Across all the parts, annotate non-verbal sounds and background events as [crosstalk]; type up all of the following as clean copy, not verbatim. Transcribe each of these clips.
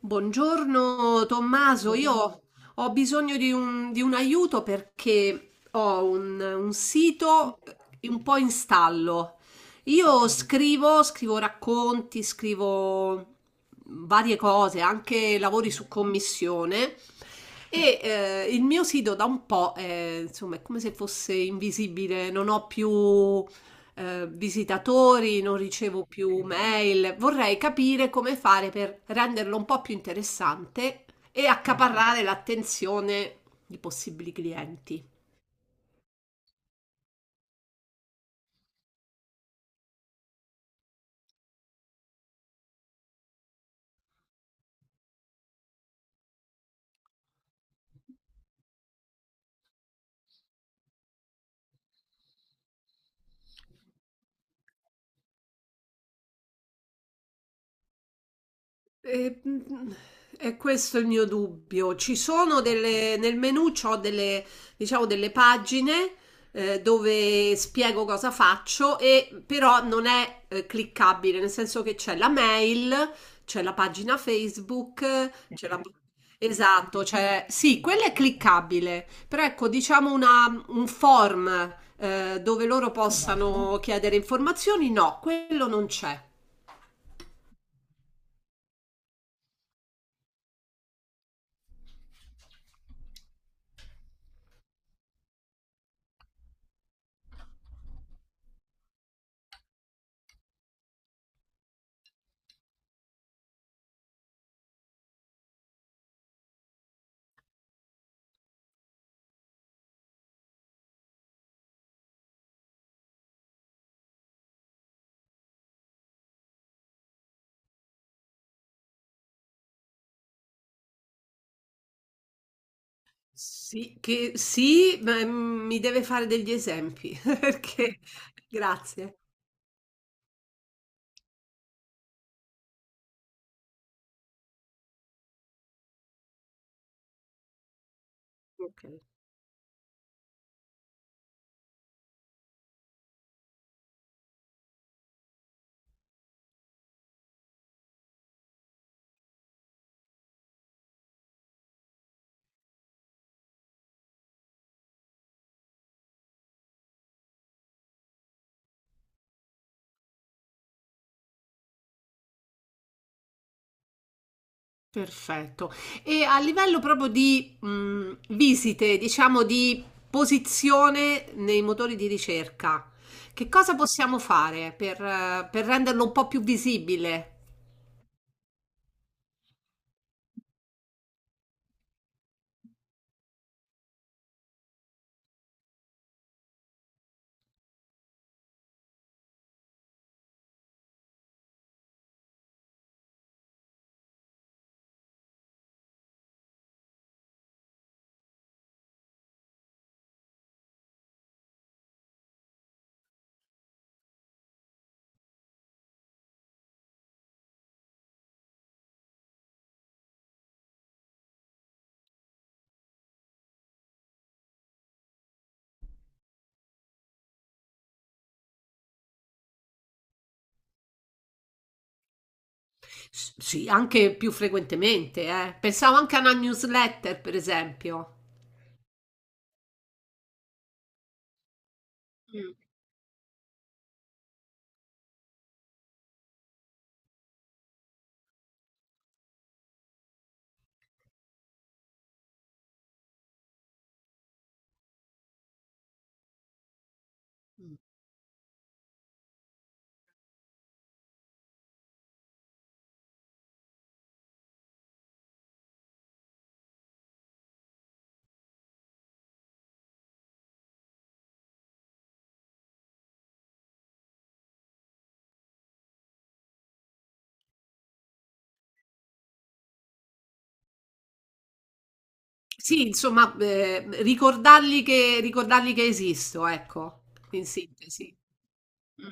Buongiorno Tommaso, io buongiorno. Ho bisogno di un aiuto perché ho un sito un po' in stallo. Io scrivo racconti, scrivo varie cose, anche lavori su commissione e il mio sito da un po' è, insomma, è come se fosse invisibile, non ho più visitatori, non ricevo più mail. Vorrei capire come fare per renderlo un po' più interessante e accaparrare l'attenzione di possibili clienti. E, mhmm, è questo è il mio dubbio. Ci sono delle nel menù c'ho delle diciamo delle pagine, dove spiego cosa faccio e però non è, cliccabile, nel senso che c'è la mail, c'è la pagina Facebook, c'è la p esatto, c'è sì, quella è cliccabile, però ecco diciamo una un form, dove loro possano chiedere informazioni, no, quello non c'è. Sì, che sì, ma, mi deve fare degli esempi [laughs] perché grazie. Okay, perfetto. E a livello proprio di, visite, diciamo di posizione nei motori di ricerca, che cosa possiamo fare per renderlo un po' più visibile? S sì, anche più frequentemente, eh. Pensavo anche a una newsletter, per esempio. Mh. Sì, insomma, ricordargli che esisto, ecco, in sintesi. Mh.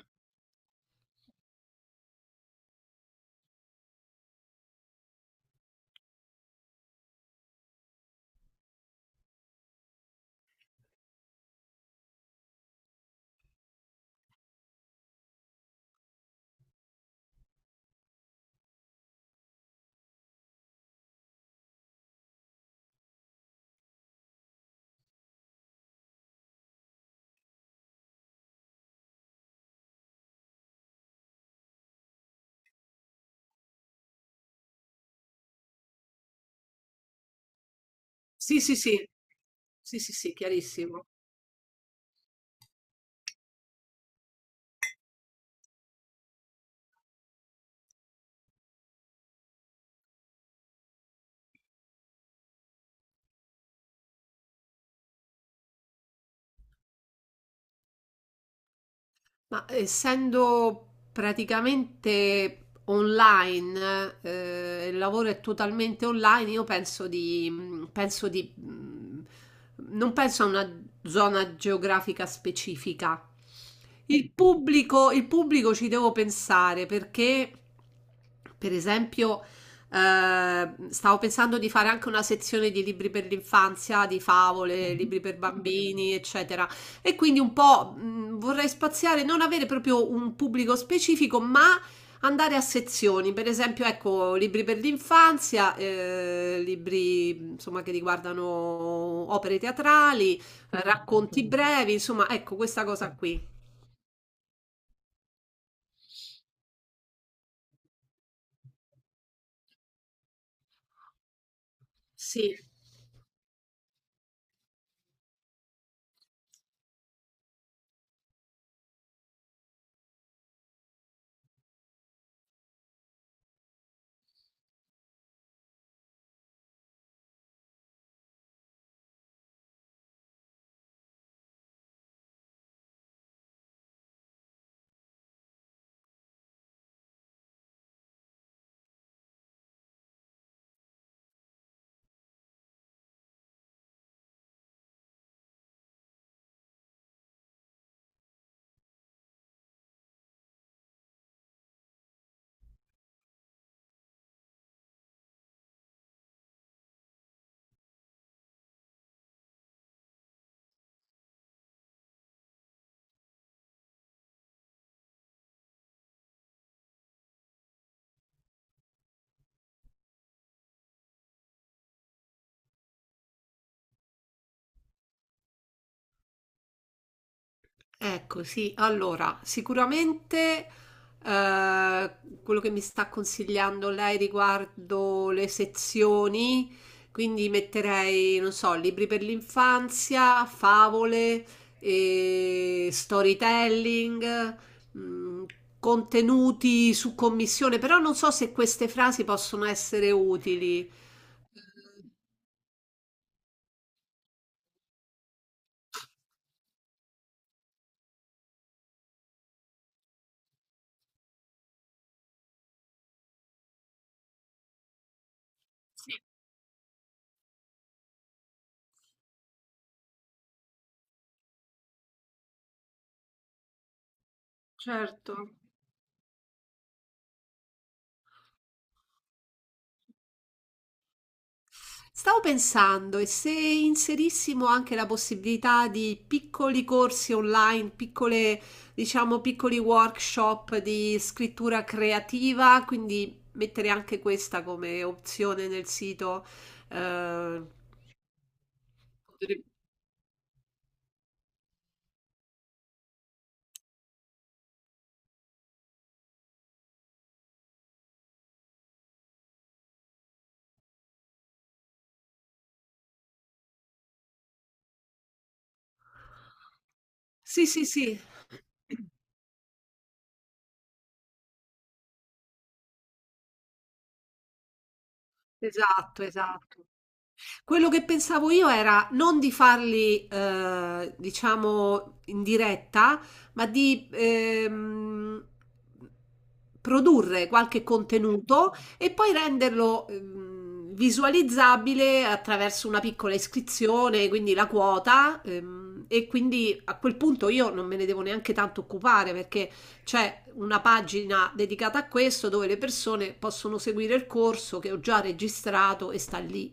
Sì, sì, sì. Sì, sì, sì, chiarissimo. Ma essendo praticamente online, il lavoro è totalmente online, io penso di, non penso a una zona geografica specifica. Il pubblico ci devo pensare perché, per esempio, stavo pensando di fare anche una sezione di libri per l'infanzia, di favole, libri per bambini, eccetera. E quindi un po' vorrei spaziare, non avere proprio un pubblico specifico, ma andare a sezioni, per esempio, ecco, libri per l'infanzia, libri insomma che riguardano opere teatrali, racconti brevi, insomma, ecco questa cosa qui. Sì. Ecco, sì, allora, sicuramente eh, quello che mi sta consigliando lei riguardo le sezioni, quindi metterei, non so, libri per l'infanzia, favole, storytelling, mh, contenuti su commissione, però non so se queste frasi possono essere utili. Certo. Stavo pensando, e se inserissimo anche la possibilità di piccoli corsi online, piccole, diciamo, piccoli workshop di scrittura creativa, quindi mettere anche questa come opzione nel sito. eh, potrebbe- sì, sì, sì, esatto, esatto. Quello che pensavo io era non di farli, diciamo, in diretta, ma di produrre qualche contenuto e poi renderlo visualizzabile attraverso una piccola iscrizione, quindi la quota. E quindi a quel punto io non me ne devo neanche tanto occupare perché c'è una pagina dedicata a questo dove le persone possono seguire il corso che ho già registrato e sta lì.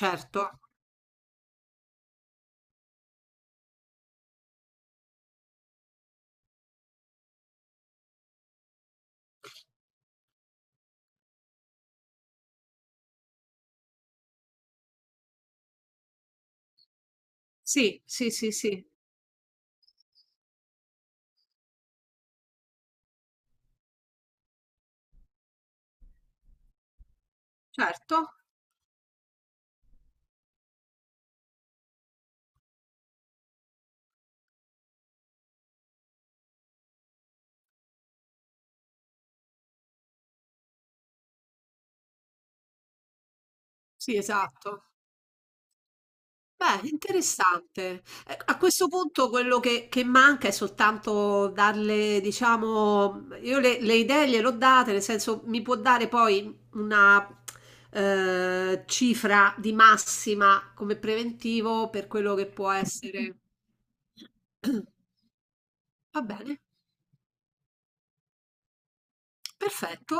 Certo. Sì, sì, sì, sì, certo. Sì, esatto. Beh, interessante. A questo punto quello che manca è soltanto darle, diciamo, io le idee gliel'ho date, nel senso mi può dare poi una cifra di massima come preventivo per quello che può essere. [coughs] [clears throat] Va bene, perfetto.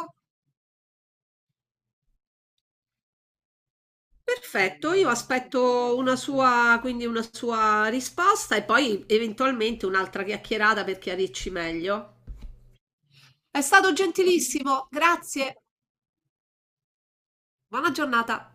Perfetto, io aspetto una sua, quindi una sua risposta e poi eventualmente un'altra chiacchierata per chiarirci meglio. È stato gentilissimo, grazie. Buona giornata.